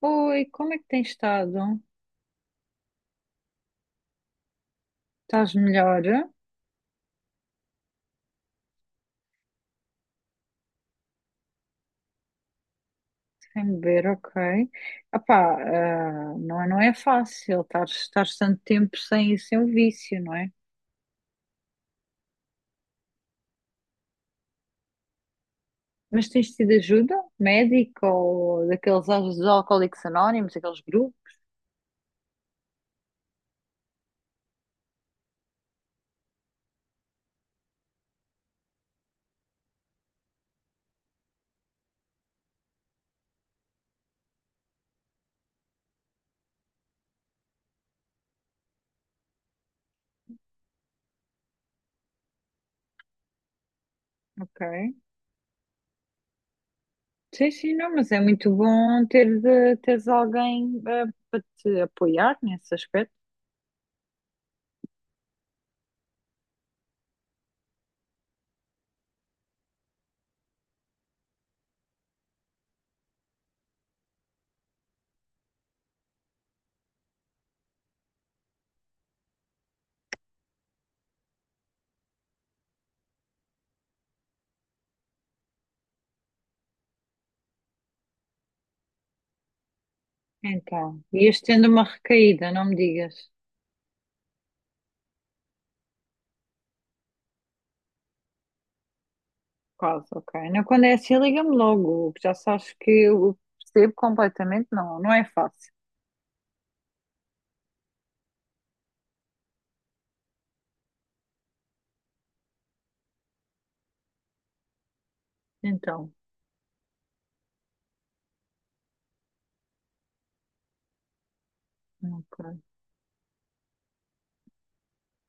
Oi, como é que tens estado? Estás melhor? Sem beber, ok. Apá, não é fácil estar tanto tempo sem o vício, não é? Mas tens tido ajuda médica ou dos Alcoólicos Anónimos, aqueles grupos? Ok. Sim, sim, não, mas é muito bom teres alguém para te apoiar nesse aspecto. Então, ias tendo uma recaída, não me digas. Quase, ok. Não, quando é assim, liga-me logo, que já sabes que eu percebo completamente, não, não é fácil. Então, ok.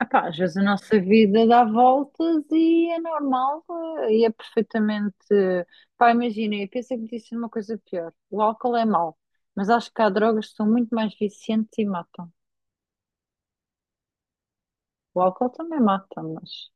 Epá, às vezes a nossa vida dá voltas e é normal e é perfeitamente. Pá, imagina, eu pensei que me disse uma coisa pior. O álcool é mau, mas acho que há drogas que são muito mais viciantes e matam. O álcool também mata, mas.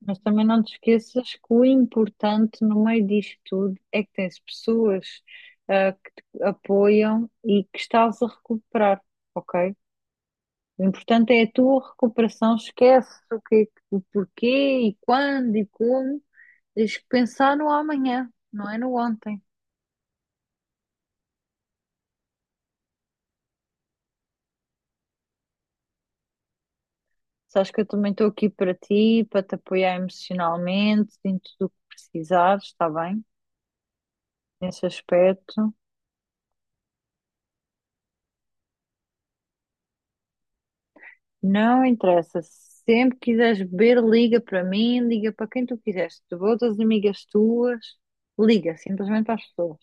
Mas também não te esqueças que o importante no meio disto tudo é que tens pessoas que te apoiam e que estás a recuperar, ok? O importante é a tua recuperação, esquece o que, o porquê e quando e como. Tens que pensar no amanhã, não é no ontem. Sabes que eu também estou aqui para ti, para te apoiar emocionalmente, em tudo o que precisares, está bem? Nesse aspecto. Não interessa. Se Sempre quiseres beber, liga para mim, liga para quem tu quiseres. Tu outras amigas tuas, liga simplesmente para as pessoas.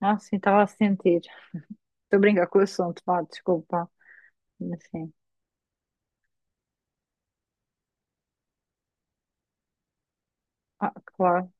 Ah, sim, estava a sentir. Estou a brincar com o assunto, vá, desculpa. Assim. Ah, claro.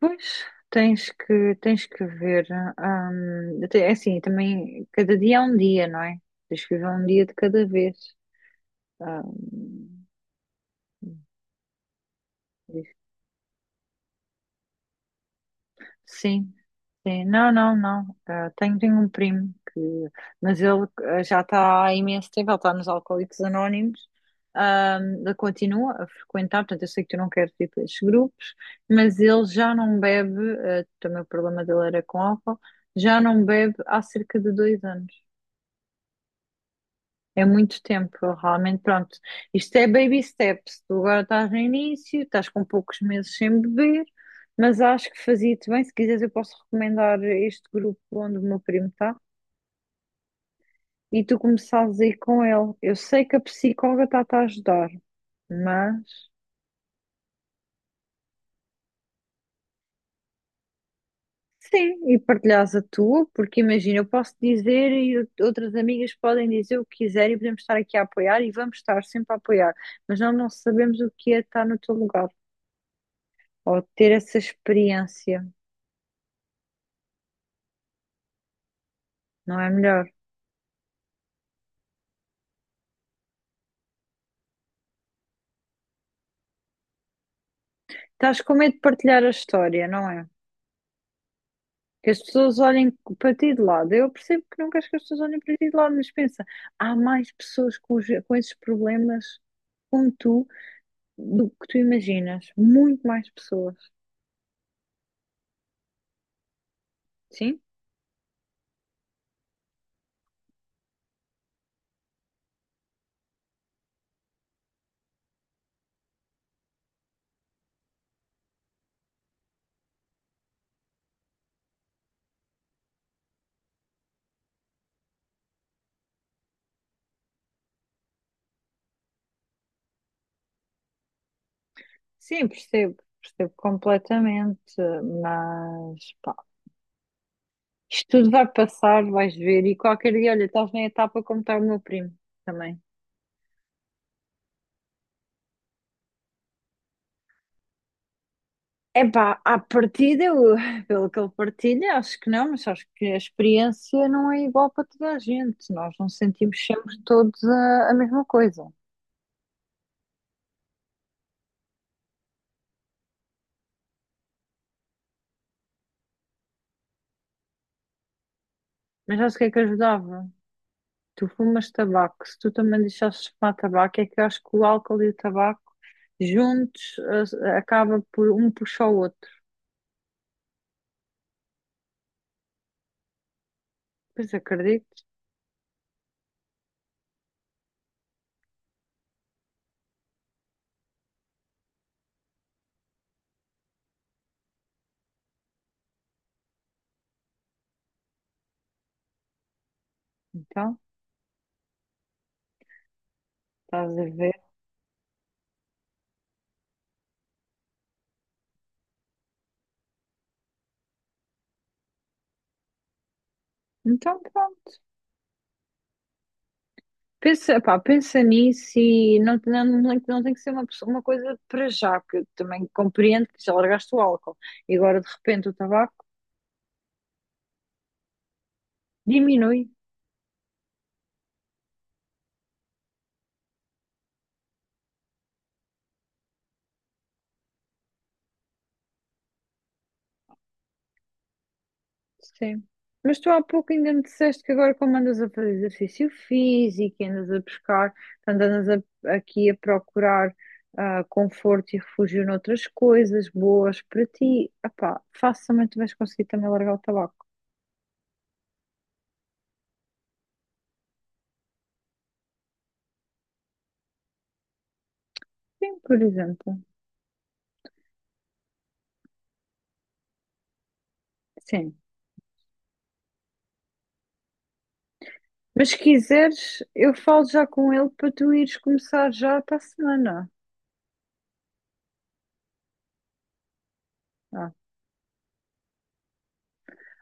Pois, tens que ver. Te- é assim, também, cada dia é um dia, não é? Tens que viver um dia de cada vez. Ah, Hum, isso. sim, Sim, não, não, não. Ah, tenho um primo que, mas ele ah, já está há imenso tempo, ele está nos Alcoólicos Anónimos, ah, ele continua a frequentar, portanto, eu sei que tu não queres ir para esses grupos, mas ele já não bebe, ah, também o problema dele era com álcool, já não bebe há cerca de 2 anos. É muito tempo, realmente, pronto. Isto é baby steps. Tu agora estás no início, estás com poucos meses sem beber, mas acho que fazia-te bem. Se quiseres, eu posso recomendar este grupo onde o meu primo está e tu começares a ir com ele. Eu sei que a psicóloga está-te a ajudar, mas sim, e partilhas a tua, porque imagina, eu posso dizer e outras amigas podem dizer o que quiserem e podemos estar aqui a apoiar e vamos estar sempre a apoiar, mas nós não sabemos o que é estar no teu lugar ou ter essa experiência, não é melhor? Estás com medo de partilhar a história, não é? Que as pessoas olhem para ti de lado. Eu percebo que não queres que as pessoas olhem para ti de lado, mas pensa, há mais pessoas com esses problemas como tu do que tu imaginas. Muito mais pessoas. Sim? Sim, percebo. Percebo completamente. Mas, pá, isto tudo vai passar, vais ver. E qualquer dia, olha, estás na etapa como está o meu primo também. Epá, à partida, eu, pelo que ele partilha, acho que não, mas acho que a experiência não é igual para toda a gente. Nós não sentimos sempre todos a mesma coisa. Mas sabes o que é que ajudava? Tu fumas tabaco, se tu também deixasses de fumar tabaco, é que eu acho que o álcool e o tabaco juntos acaba por um puxar o outro. Pois acredito, então, estás a ver? Então pronto. Pensa, pá, pensa nisso e não, não, não, não tem que ser uma coisa para já, porque eu também compreendo que já largaste o álcool e agora de repente o tabaco diminui, sim. Mas tu há pouco ainda me disseste que agora como andas a fazer exercício físico, e andas a buscar, portanto, andas aqui a procurar ah, conforto e refúgio noutras coisas boas para ti, ah facilmente vais conseguir também largar o tabaco. Sim, por exemplo. Sim. Mas se quiseres, eu falo já com ele para tu ires começar já para a semana. Ah,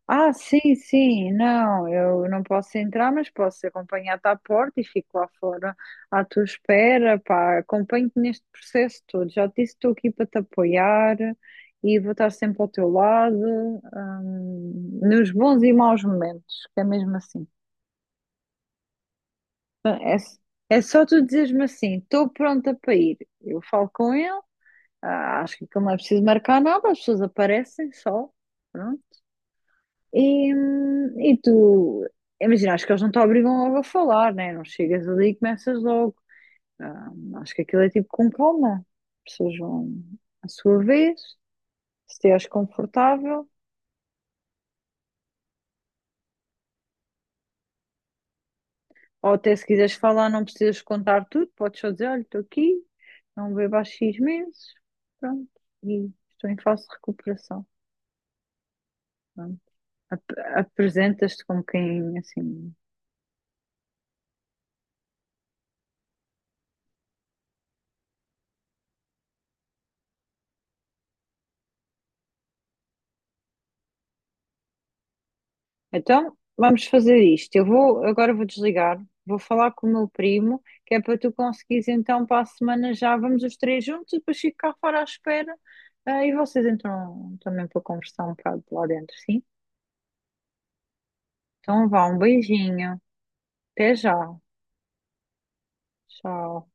Ah, sim, sim, não, eu não posso entrar, mas posso acompanhar-te à porta e fico lá fora à tua espera, pá, acompanho-te neste processo todo. Já te disse, estou aqui para te apoiar e vou estar sempre ao teu lado, nos bons e maus momentos, que é mesmo assim. É, é só tu dizeres-me assim, estou pronta para ir. Eu falo com ele. Ah, acho que aquilo não é preciso marcar nada, as pessoas aparecem só. Pronto. E tu, imagina, acho que eles não te obrigam logo a falar, né? Não chegas ali e começas logo. Ah, acho que aquilo é tipo com calma. As pessoas vão à sua vez, se te és confortável, ou até se quiseres falar, não precisas contar tudo, podes só dizer: olha, estou aqui, não bebo há X meses, pronto, e estou em fase de recuperação. Pronto. Ap- Apresentas-te como quem assim. Então, vamos fazer isto. Eu vou, agora vou desligar, vou falar com o meu primo, que é para tu conseguires então para a semana já vamos os três juntos, e depois fico cá fora à espera. Ah, e vocês entram também para conversar um bocado lá dentro, sim? Então vá, um beijinho. Até já. Tchau.